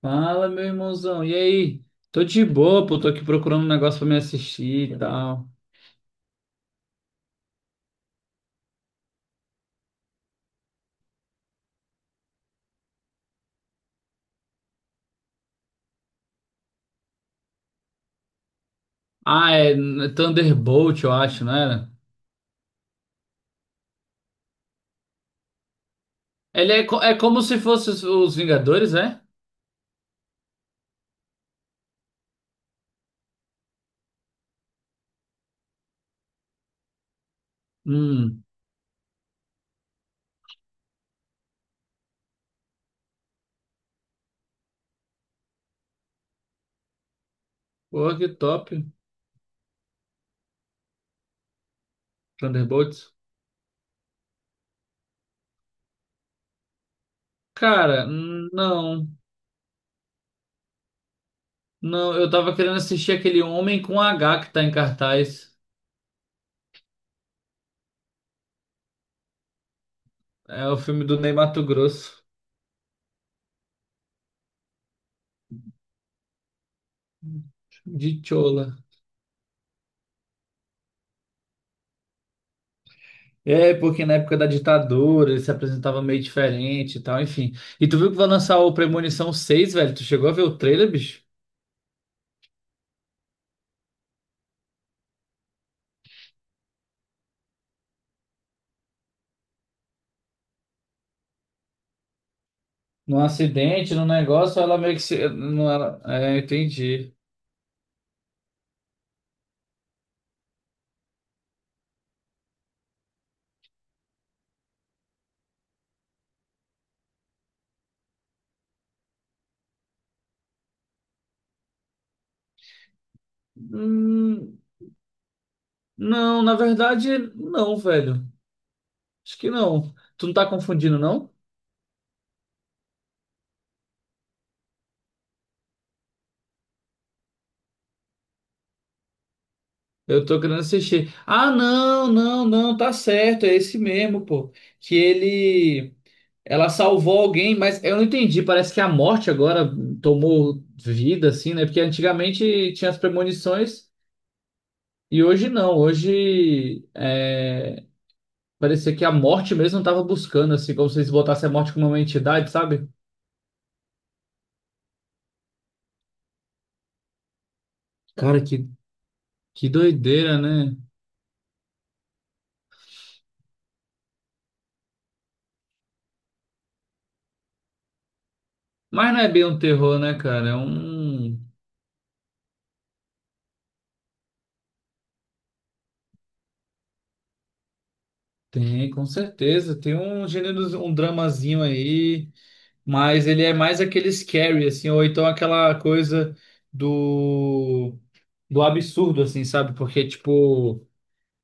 Fala, meu irmãozão. E aí? Tô de boa, pô. Tô aqui procurando um negócio pra me assistir e tal. Ah, é Thunderbolt, eu acho, não era? Ele é, é como se fosse os Vingadores, é? Hum, pô, que top. Thunderbolts. Cara, não. Não, eu tava querendo assistir aquele Homem com H que tá em cartaz. É o filme do Ney Matogrosso, de Chola. É, porque na época da ditadura ele se apresentava meio diferente e tal, enfim. E tu viu que vai lançar o Premonição 6, velho? Tu chegou a ver o trailer, bicho? Num acidente, num negócio, ela meio que se. Não, ela, é, entendi. Hum, não, na verdade, não, velho. Acho que não. Tu não tá confundindo, não? Eu tô querendo assistir. Ah, não, não, não, tá certo, é esse mesmo, pô. Que ele. Ela salvou alguém, mas eu não entendi. Parece que a morte agora tomou vida, assim, né? Porque antigamente tinha as premonições e hoje não. Hoje é, parecia que a morte mesmo estava buscando, assim, como se eles botassem a morte como uma entidade, sabe? Cara, que doideira, né? Mas não é bem um terror, né, cara? É um. Tem, com certeza. Tem um gênero, um dramazinho aí, mas ele é mais aquele scary, assim, ou então aquela coisa do do absurdo, assim, sabe? Porque, tipo,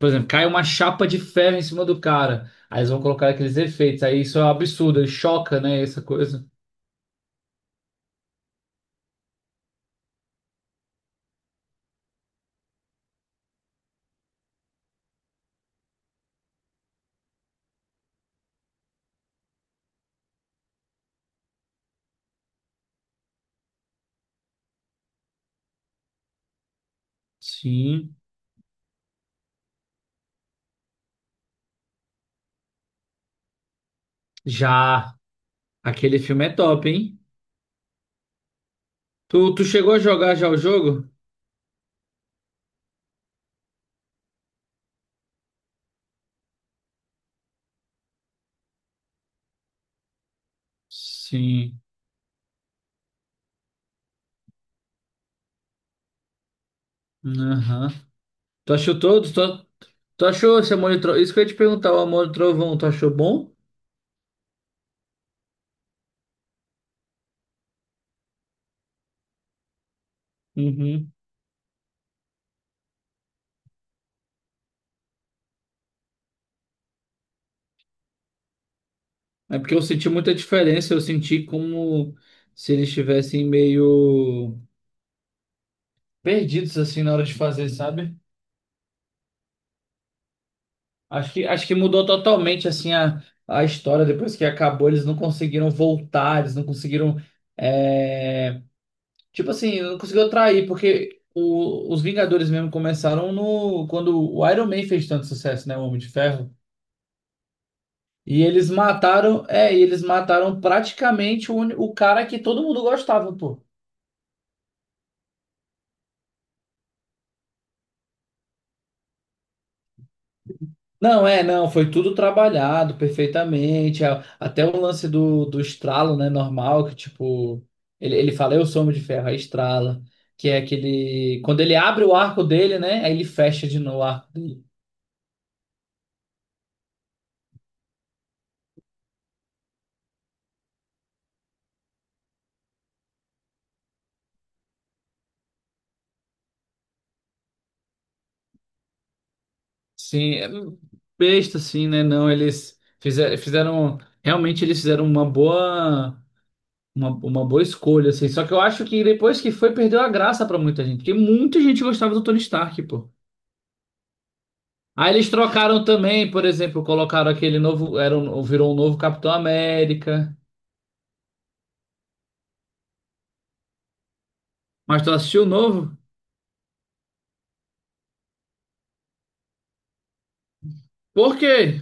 por exemplo, cai uma chapa de ferro em cima do cara. Aí eles vão colocar aqueles efeitos. Aí isso é um absurdo, choca, né? Essa coisa. Sim. Já. Aquele filme é top, hein? Tu chegou a jogar já o jogo? Sim. Aham. Tu achou todos? Tu achou esse Amor e Trovão? Isso que eu ia te perguntar, o Amor e Trovão, tu achou bom? Uhum. É porque eu senti muita diferença, eu senti como se eles estivessem meio perdidos assim na hora de fazer, sabe? Acho que mudou totalmente assim a história depois que acabou. Eles não conseguiram voltar, eles não conseguiram. é, Tipo assim, não conseguiram atrair, porque os Vingadores mesmo começaram no quando o Iron Man fez tanto sucesso, né? O Homem de Ferro. E eles mataram, é, e eles mataram praticamente o cara que todo mundo gostava, pô. Não, é, não, foi tudo trabalhado perfeitamente. Até o lance do estralo, né, normal, que tipo, ele fala, eu sou homem de ferro, aí estrala. Que é aquele. Quando ele abre o arco dele, né? Aí ele fecha de novo o arco dele. Sim, é besta, assim, né? Não, fizeram. Realmente eles fizeram uma boa. Uma boa escolha, assim. Só que eu acho que depois que foi, perdeu a graça pra muita gente. Porque muita gente gostava do Tony Stark, pô. Aí eles trocaram também, por exemplo, colocaram aquele novo, virou um novo Capitão América. Mas tu assistiu o novo? Por quê?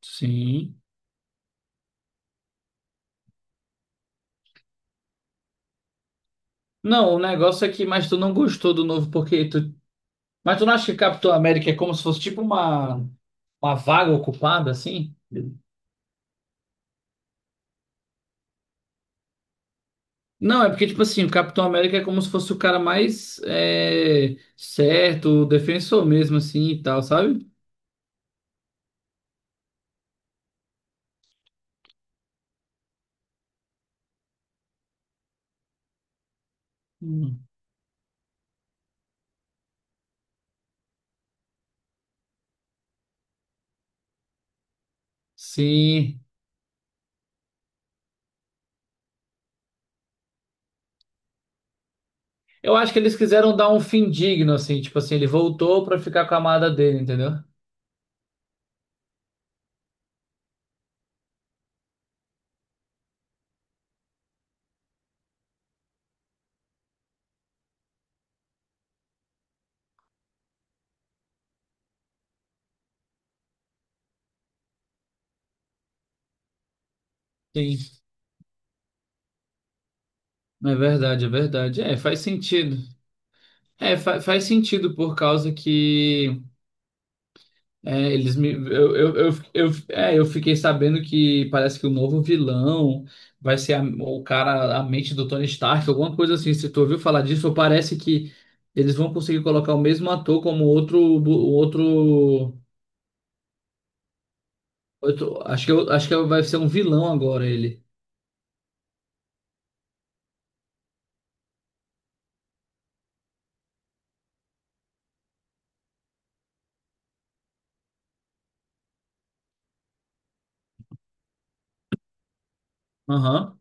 Sim. Não, o negócio é que, mas tu não gostou do novo porque tu, mas tu não acha que Capitão América é como se fosse tipo uma vaga ocupada assim? Não, é porque tipo assim, o Capitão América é como se fosse o cara mais é, certo, o defensor mesmo assim e tal, sabe? Hum. Sim. Eu acho que eles quiseram dar um fim digno, assim, tipo assim, ele voltou pra ficar com a amada dele, entendeu? Sim. É verdade, é verdade. É, faz sentido. É, faz sentido por causa que é, eles me. Eu fiquei sabendo que parece que o novo vilão vai ser o cara, a mente do Tony Stark, alguma coisa assim. Se tu ouviu falar disso, ou parece que eles vão conseguir colocar o mesmo ator como outro. Outro, outro acho que vai ser um vilão agora ele. Aham.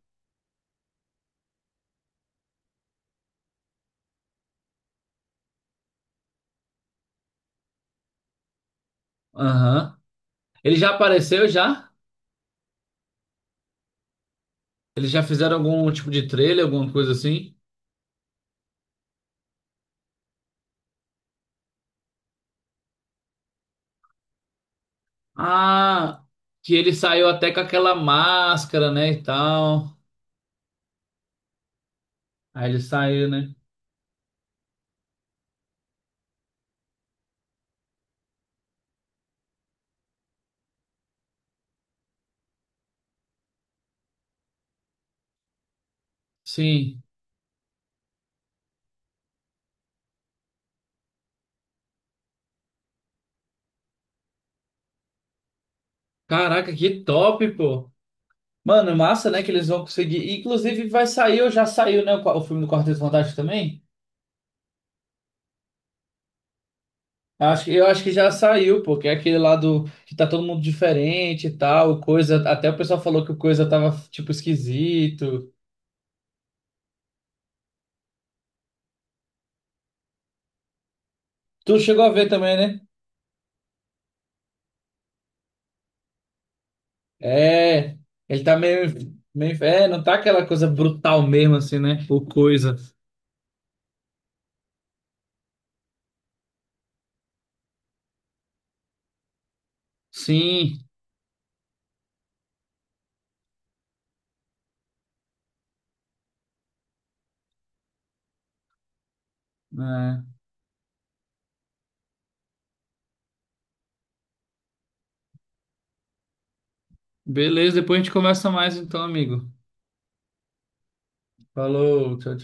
Aham. Ele já apareceu já? Eles já fizeram algum tipo de trailer, alguma coisa assim? Ah, que ele saiu até com aquela máscara, né, e tal. Aí ele saiu, né? Sim. Caraca, que top, pô. Mano, massa, né, que eles vão conseguir. Inclusive vai sair, ou já saiu, né, o, o filme do Quarteto Fantástico também? Eu acho, eu acho que já saiu, pô, que é aquele lá do que tá todo mundo diferente e tal, o coisa, até o pessoal falou que o coisa tava tipo esquisito. Tu chegou a ver também, né? É, ele tá meio, meio. É, não tá aquela coisa brutal mesmo, assim, né? Ou coisa. Sim, é. Beleza, depois a gente conversa mais então, amigo. Falou, tchau,